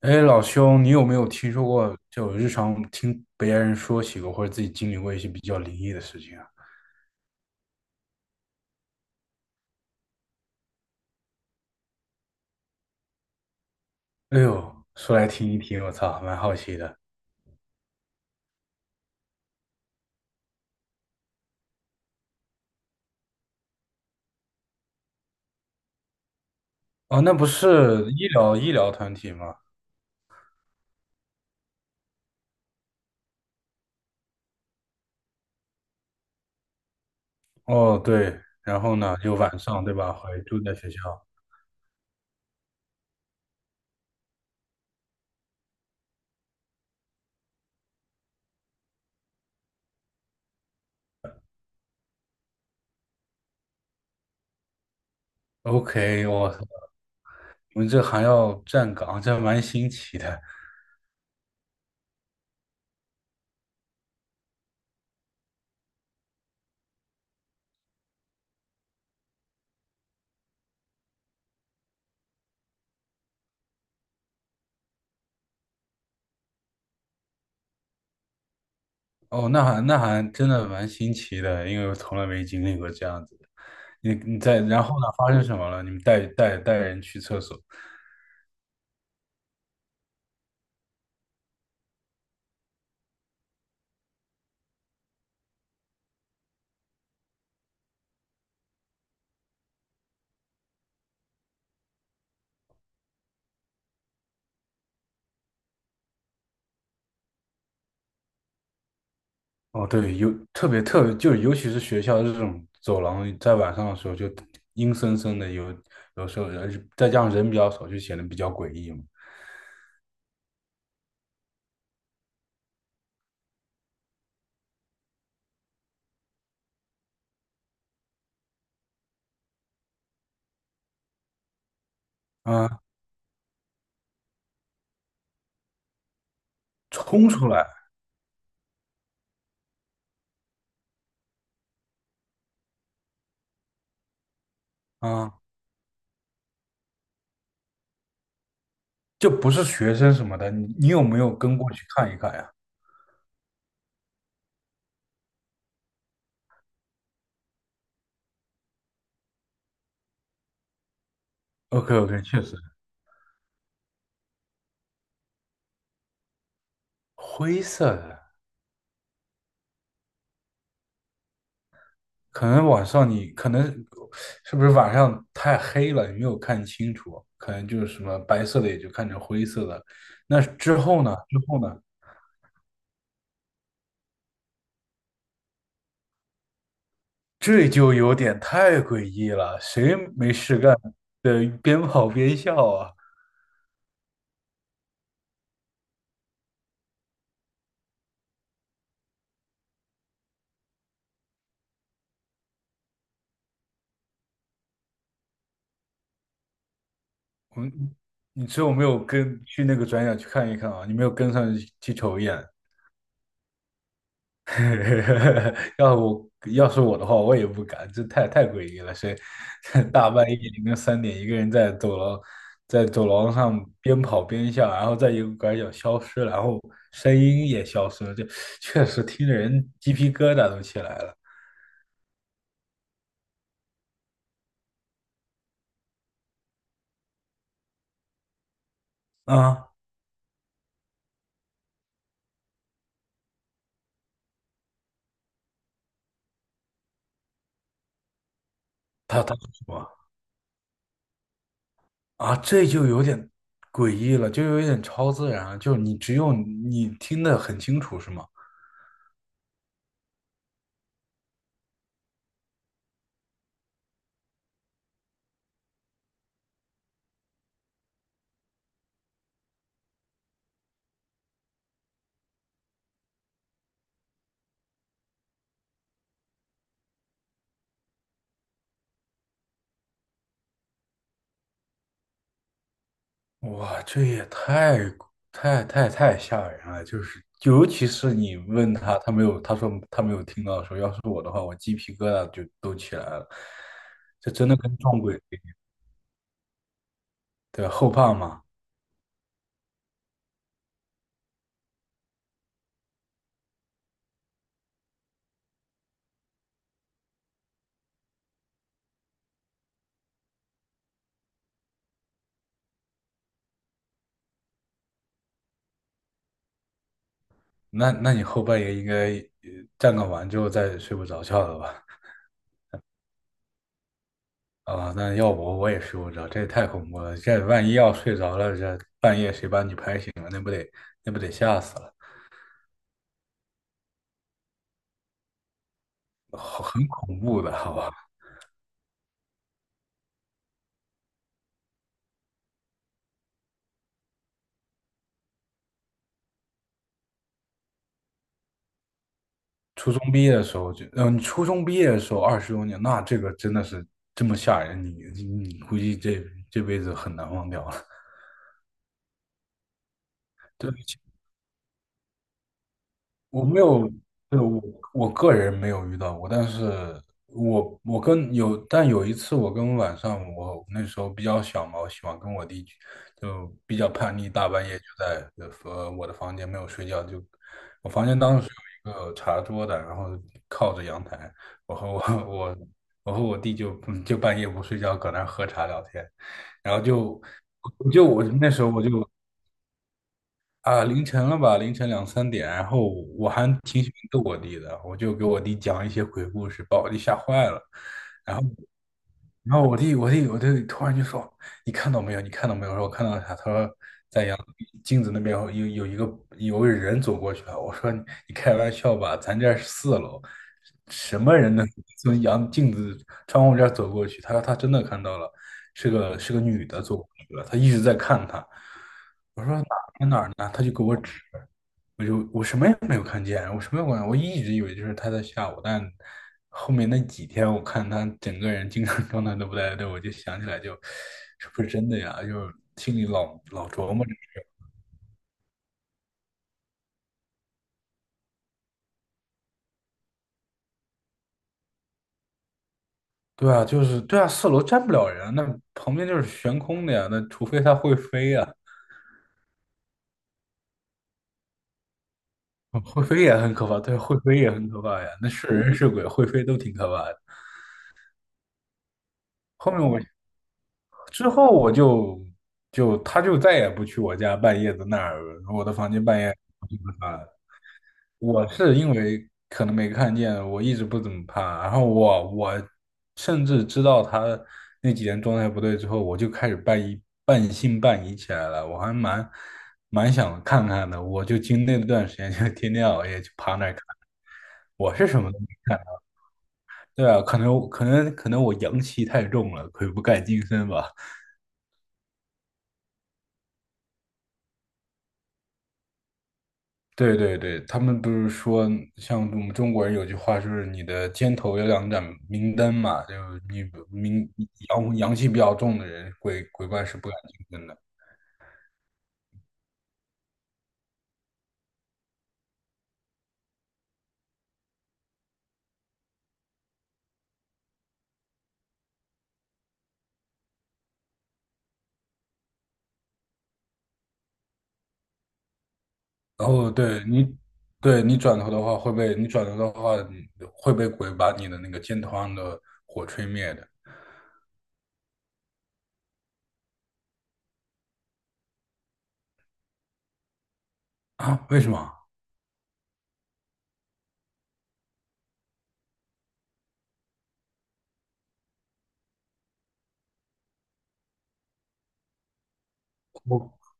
哎，老兄，你有没有听说过，就日常听别人说起过，或者自己经历过一些比较灵异的事情啊？哎呦，说来听一听，我操，蛮好奇的。哦，那不是医疗团体吗？哦，对，然后呢，就晚上对吧，会住在学校。OK，我操，你们这还要站岗，这还蛮新奇的。哦，那还真的蛮新奇的，因为我从来没经历过这样子的。你在，然后呢，发生什么了？你们带人去厕所。哦，对，特别特别，就尤其是学校这种走廊，在晚上的时候就阴森森的有时候人再加上人比较少，就显得比较诡异嘛。啊，冲出来啊，就不是学生什么的，你有没有跟过去看一看呀？OK OK，确实，灰色的，可能是不是晚上太黑了，你没有看清楚，可能就是什么白色的也就看成灰色的。那之后呢？之后呢？这就有点太诡异了，谁没事干？对，边跑边笑啊！我你只有没有跟去那个转角去看一看啊？你没有跟上去瞅一眼。要是我的话，我也不敢，这太诡异了。大半夜凌晨3点一个人在走廊上边跑边笑，然后在一个拐角消失了然后声音也消失了，这确实听着人鸡皮疙瘩都起来了啊！他说什么？啊，这就有点诡异了，就有点超自然了，就是只有你听得很清楚，是吗？哇，这也太吓人了，就是尤其是你问他，他没有，他说他没有听到的时候，要是我的话，我鸡皮疙瘩就都起来了，这真的跟撞鬼一样对后怕嘛？那你后半夜应该呃站岗完之后再睡不着觉了吧？啊，那要我也睡不着，这也太恐怖了。这万一要睡着了，这半夜谁把你拍醒了，那不得吓死了，好很恐怖的，好吧？初中毕业的时候就，嗯、你初中毕业的时候20多年，那这个真的是这么吓人，你估计这辈子很难忘掉了。对。我没有，对，我个人没有遇到过，但有一次晚上我那时候比较小嘛，我喜欢跟我弟去就比较叛逆，大半夜就在我的房间没有睡觉，就我房间当时有一个茶桌的，然后靠着阳台，我和我 我我和我弟就半夜不睡觉搁那儿喝茶聊天，然后就我那时候啊，凌晨了吧，凌晨2、3点，然后我还挺喜欢逗我弟的，我就给我弟讲一些鬼故事，把我弟吓坏了。然后，然后我弟突然就说：“你看到没有？你看到没有？”我说：“我看到了啥？”他说：“在镜子那边有个人走过去了。”我说你：“你开玩笑吧？咱这儿是四楼，什么人能从镜子窗户这儿走过去？”他说：“他真的看到了，是个女的走过去了，他一直在看他。”我说。在哪儿呢？他就给我指，我什么也没有看见，我什么也没有看见我一直以为就是他在吓我，但后面那几天我看他整个人精神状态都不太对，我就想起来就，是不是真的呀？就心里老琢磨着。对啊，就是对啊，四楼站不了人啊那旁边就是悬空的呀，那除非他会飞呀，会飞也很可怕，对，会飞也很可怕呀，那是人是鬼，会飞都挺可怕的。后面我之后我就就他就再也不去我家半夜的那儿，我的房间半夜啊，我是因为可能没看见，我一直不怎么怕，然后我甚至知道他那几天状态不对之后，我就开始半疑半信半疑起来了，我还蛮想看看的，我就经历那段时间就天天熬夜去趴那儿看，我是什么都没看，对啊，可能我阳气太重了，鬼不敢近身吧。对对对，他们不是说，像我们中国人有句话，就是你的肩头有两盏明灯嘛，就是你明阳气比较重的人，鬼怪是不敢近身的。然后对你转头的话会被鬼把你的那个肩头上的火吹灭的啊？为什么？我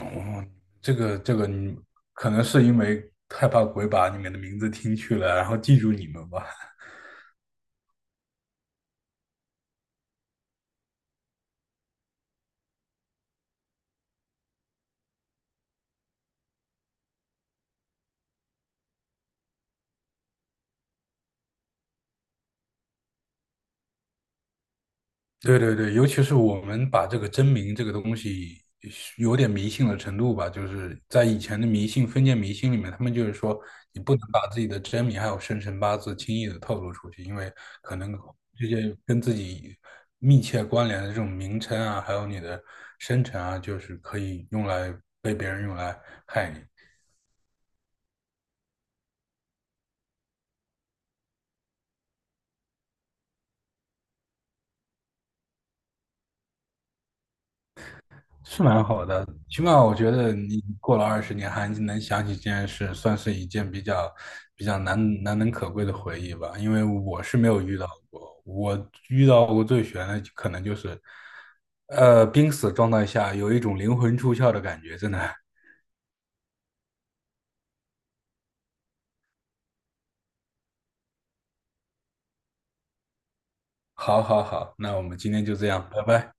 我这个你可能是因为害怕鬼把你们的名字听去了，然后记住你们吧。对对对，尤其是我们把这个真名这个东西是有点迷信的程度吧，就是在以前的迷信、封建迷信里面，他们就是说你不能把自己的真名还有生辰八字轻易的透露出去，因为可能这些跟自己密切关联的这种名称啊，还有你的生辰啊，就是可以用来被别人用来害你。是蛮好的，起码我觉得你过了20年还能想起这件事，算是一件比较难能可贵的回忆吧。因为我是没有遇到过，我遇到过最悬的可能就是，濒死状态下有一种灵魂出窍的感觉，真的。好好好，那我们今天就这样，拜拜。